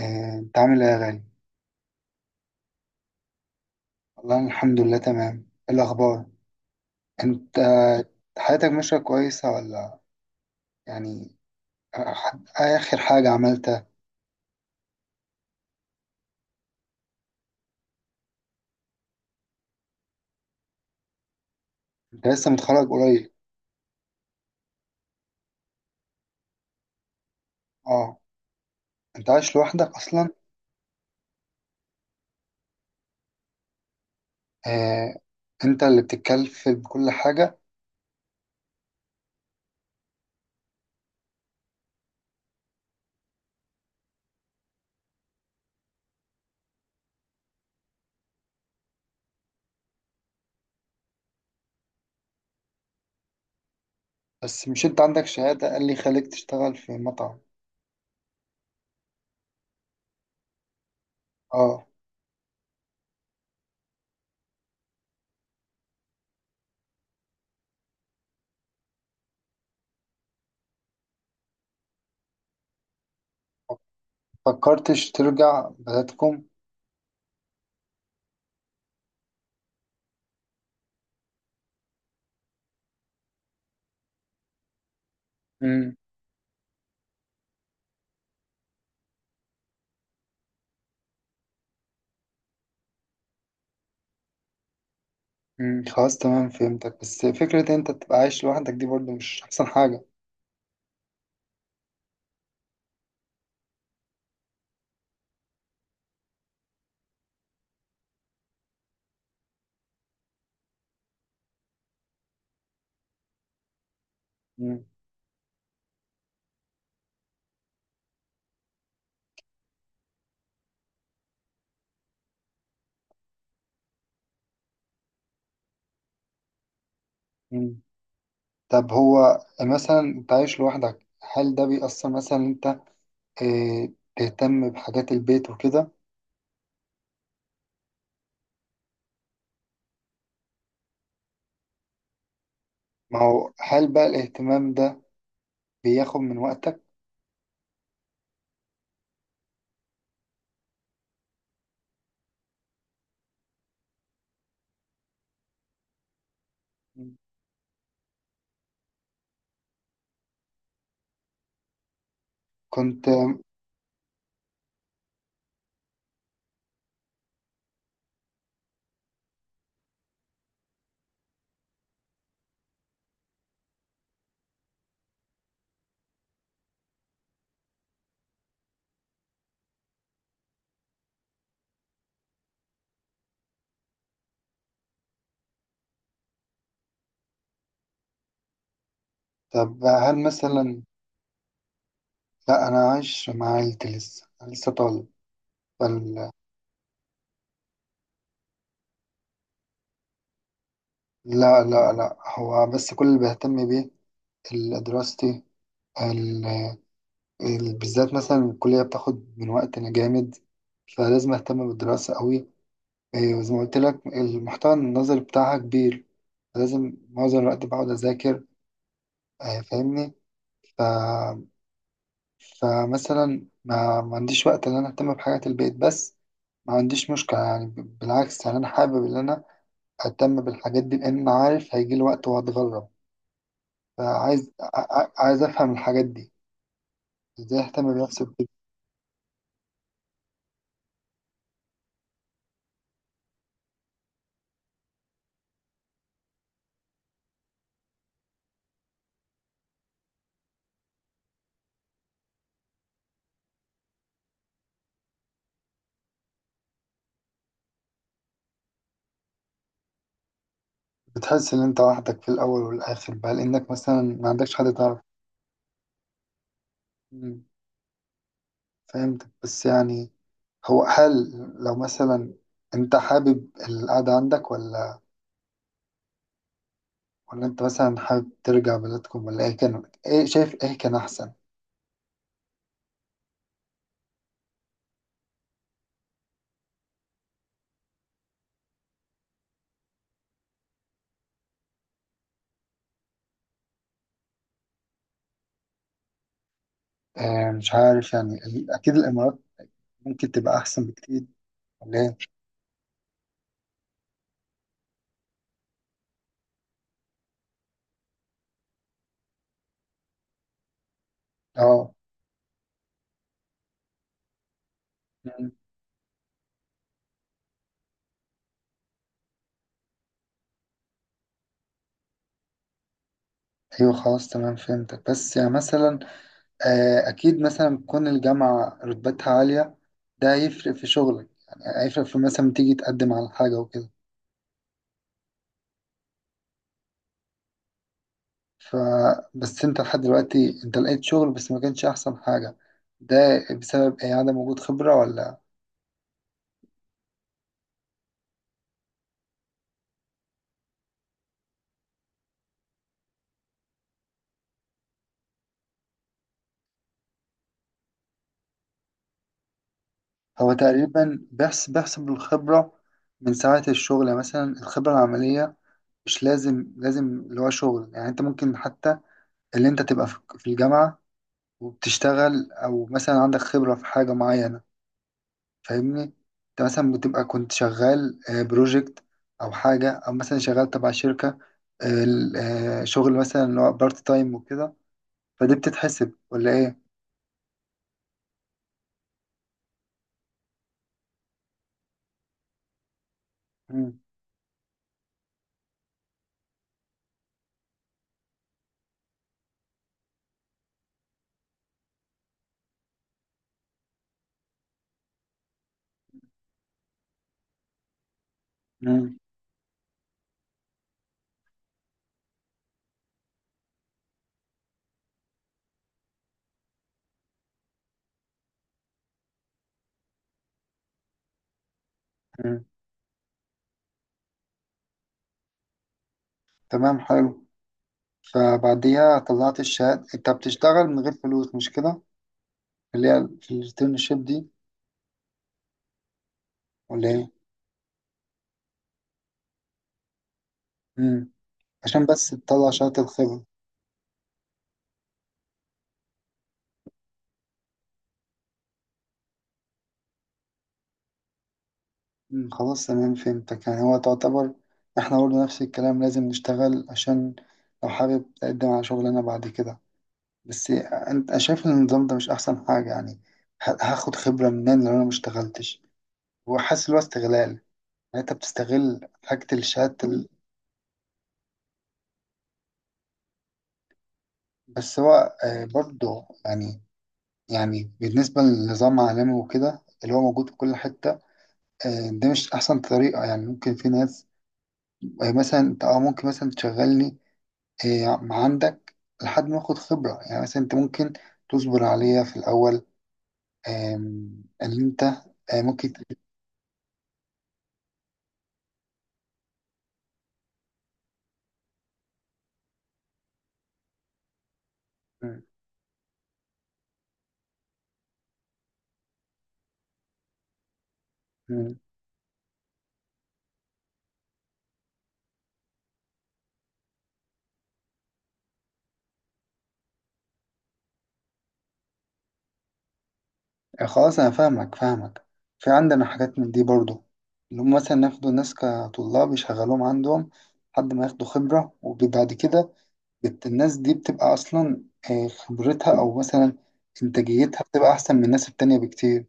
انت عامل ايه يا غالي؟ والله أنا الحمد لله تمام. إيه الاخبار؟ انت حياتك ماشيه كويسه ولا يعني آه، اخر حاجه عملتها؟ انت لسه متخرج قريب؟ اه، انت عايش لوحدك اصلا؟ آه. انت اللي بتتكلف بكل حاجه؟ بس مش انت عندك شهاده؟ قال لي خليك تشتغل في مطعم. اه. فكرتش ترجع بلدكم؟ امم. خلاص، تمام، فهمتك. بس فكره انت تبقى عايش لوحدك دي برضو مش احسن حاجه. امم. أمم. طب هو مثلا انت عايش لوحدك، هل ده بيأثر مثلا إن انت اه تهتم بحاجات البيت وكده؟ ما هو هل بقى الاهتمام ده بياخد من وقتك؟ كنت طب هل مثلا، لا انا عايش مع عيلتي، لسه أنا لسه طالب. بل لا، لا، لا، هو بس كل اللي بيهتم بيه دراستي. ال... بالذات مثلا الكلية بتاخد من وقتنا جامد، فلازم اهتم بالدراسة قوي. إيه، زي ما قلت لك المحتوى النظري بتاعها كبير، لازم معظم الوقت بقعد أذاكر. فاهمني. ف... فمثلا ما عنديش وقت إن أنا أهتم بحاجات البيت، بس ما عنديش مشكلة. يعني بالعكس، يعني أنا حابب إن أنا أهتم بالحاجات دي، لأن أنا عارف هيجي لي وقت وهتغرب، فعايز ع- ع- عايز أفهم الحاجات دي. إزاي أهتم بنفسي بتحس إن أنت وحدك في الأول والآخر بقى، لأنك مثلا ما عندكش حد تعرف. فهمتك، بس يعني هو هل لو مثلا انت حابب القعدة عندك، ولا انت مثلا حابب ترجع بلدكم، ولا ايه كان؟ ايه شايف ايه كان احسن؟ اه، مش عارف. يعني اكيد الامارات ممكن تبقى احسن بكتير، ولا ايه؟ اه. مم. ايوه، خلاص، تمام، فهمتك. بس يعني مثلا، اه، اكيد مثلا تكون الجامعة رتبتها عالية، ده هيفرق في شغلك، يعني هيفرق في مثلا تيجي تقدم على حاجة وكده. ف بس انت لحد دلوقتي انت لقيت شغل، بس ما كانش احسن حاجة. ده بسبب ايه؟ عدم وجود خبرة، ولا؟ هو تقريبا بيحسب الخبرة من ساعة الشغل، يعني مثلا الخبرة العملية، مش لازم لازم اللي هو شغل. يعني انت ممكن حتى اللي انت تبقى في الجامعة وبتشتغل، او مثلا عندك خبرة في حاجة معينة. فاهمني؟ انت مثلا بتبقى كنت شغال بروجكت، او حاجة، او مثلا شغال تبع شركة، شغل مثلا اللي هو بارت تايم وكده. فدي بتتحسب ولا ايه؟ مم. مم. مم. تمام، حلو. فبعديها طلعت الشهادة انت بتشتغل من غير فلوس، مش كده؟ اللي هي في الانترنشيب دي، ولا ايه؟ مم. عشان بس تطلع شهادة الخبرة. مم. خلاص، تمام، فهمتك. يعني هو تعتبر احنا برضه نفس الكلام، لازم نشتغل عشان لو حابب تقدم على شغلنا بعد كده. بس انت، أنا شايف ان النظام ده مش احسن حاجة، يعني هاخد خبرة منين لو انا مشتغلتش؟ وحاسس ان هو استغلال، يعني انت بتستغل حاجة الشهادة بس هو، برضه يعني، يعني بالنسبة للنظام العالمي وكده اللي هو موجود في كل حتة، ده مش أحسن طريقة. يعني ممكن في ناس، مثلا أنت ممكن مثلا تشغلني مع عندك، لحد ما آخد خبرة. يعني مثلا أنت ممكن تصبر عليا في الأول، اللي أنت ممكن. خلاص، انا فاهمك فاهمك. في عندنا حاجات من دي برضو، اللي هم مثلا ياخدوا ناس كطلاب يشغلوهم عندهم لحد ما ياخدوا خبرة، وبعد كده الناس دي بتبقى اصلا خبرتها، او مثلا انتاجيتها بتبقى احسن من الناس التانية بكتير.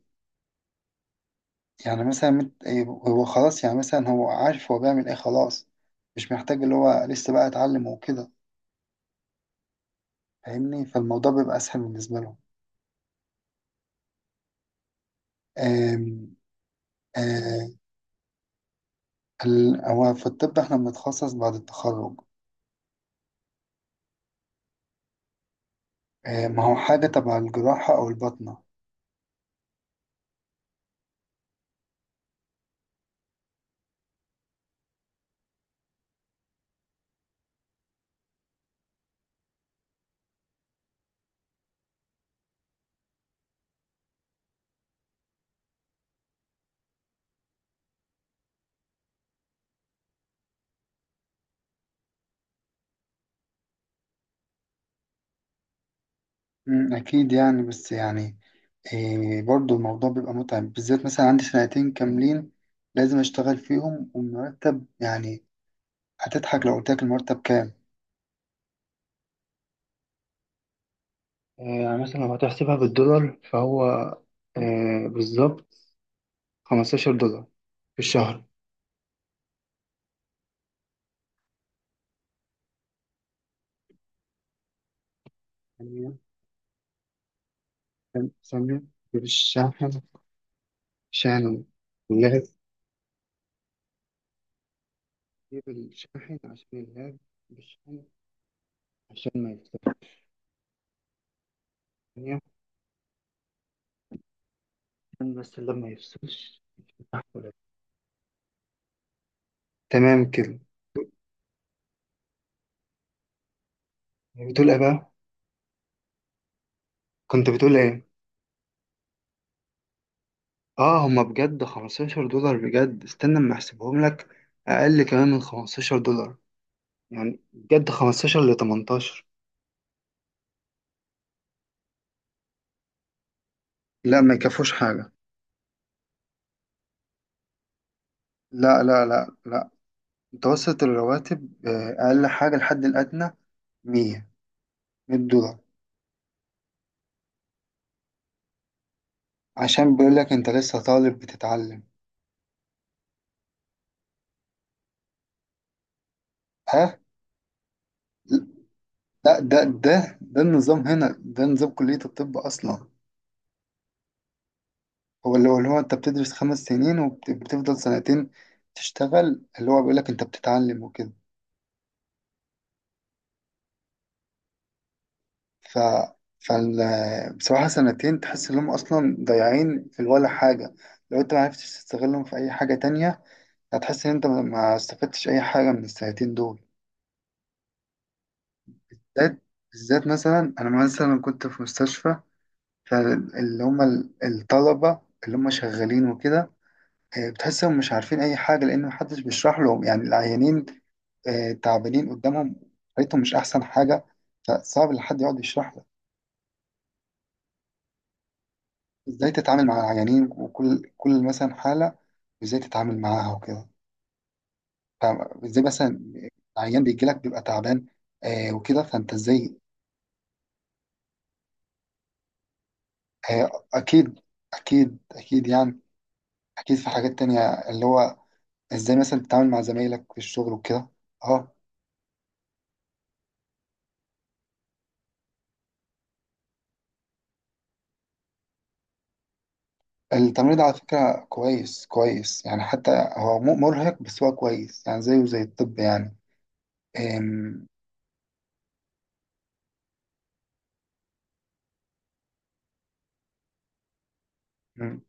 يعني مثلا هو خلاص، يعني مثلا هو عارف هو بيعمل ايه، خلاص، مش محتاج اللي هو لسه بقى اتعلم وكده. فاهمني؟ فالموضوع بيبقى اسهل بالنسبة لهم. آم، آه، هو في الطب احنا بنتخصص بعد التخرج. ما هو حاجة تبع الجراحة أو الباطنة. أكيد يعني، بس يعني برضو الموضوع بيبقى متعب، بالذات مثلا عندي سنتين كاملين لازم أشتغل فيهم، والمرتب يعني، هتضحك لو قلت لك المرتب كام. يعني مثلا لو هتحسبها بالدولار فهو بالظبط $15 في الشهر. يعني سمية، بالشاحن، شاحن اللاب، جيب الشاحن عشان اللاب، بالشاحن عشان ما يفصلش، عشان بس اللاب ما يفصلش. تمام كده. بتقول ايه بقى؟ كنت بتقول ايه؟ اه، هما بجد $15، بجد استنى اما احسبهم لك. اقل كمان من $15، يعني بجد 15 ل 18. لا، ما يكفوش حاجة. لا، لا، لا، لا. متوسط الرواتب اقل حاجة الحد الادنى 100، $100. عشان بيقول لك انت لسه طالب بتتعلم. ها؟ لا، ده النظام هنا، ده نظام كلية الطب اصلا. هو انت بتدرس خمس سنين وبتفضل سنتين تشتغل، اللي هو بيقول لك انت بتتعلم وكده. ف فال بصراحة سنتين تحس انهم اصلا ضايعين في ولا حاجة. لو انت ما عرفتش تستغلهم في اي حاجة تانية، هتحس ان انت ما استفدتش اي حاجة من السنتين دول. بالذات، بالذات مثلا انا مثلا كنت في مستشفى، فاللي هم الطلبة اللي هم شغالين وكده، بتحسهم مش عارفين اي حاجة لان محدش بيشرح لهم يعني، العيانين تعبانين قدامهم، حياتهم مش أحسن حاجة. فصعب إن حد يقعد يشرح لك إزاي تتعامل مع العيانين، وكل مثلا حالة إزاي تتعامل معاها وكده، فإزاي مثلا عيان بيجي لك بيبقى تعبان وكده، فأنت إزاي. أكيد، أكيد أكيد، يعني أكيد في حاجات تانية، اللي هو إزاي مثلا تتعامل مع زمايلك في الشغل وكده. أه. التمريض على فكرة كويس كويس يعني، حتى هو مرهق، بس هو كويس، يعني زيه زي الطب يعني. أم،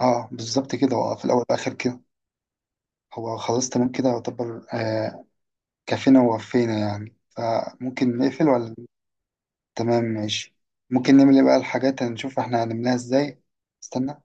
اه بالظبط كده، هو في الأول والآخر كده. هو خلاص تمام كده يعتبر، كفينا ووفينا، يعني فممكن نقفل ولا؟ تمام، ماشي. ممكن نعمل ايه بقى الحاجات؟ هنشوف احنا هنعملها ازاي. استنى.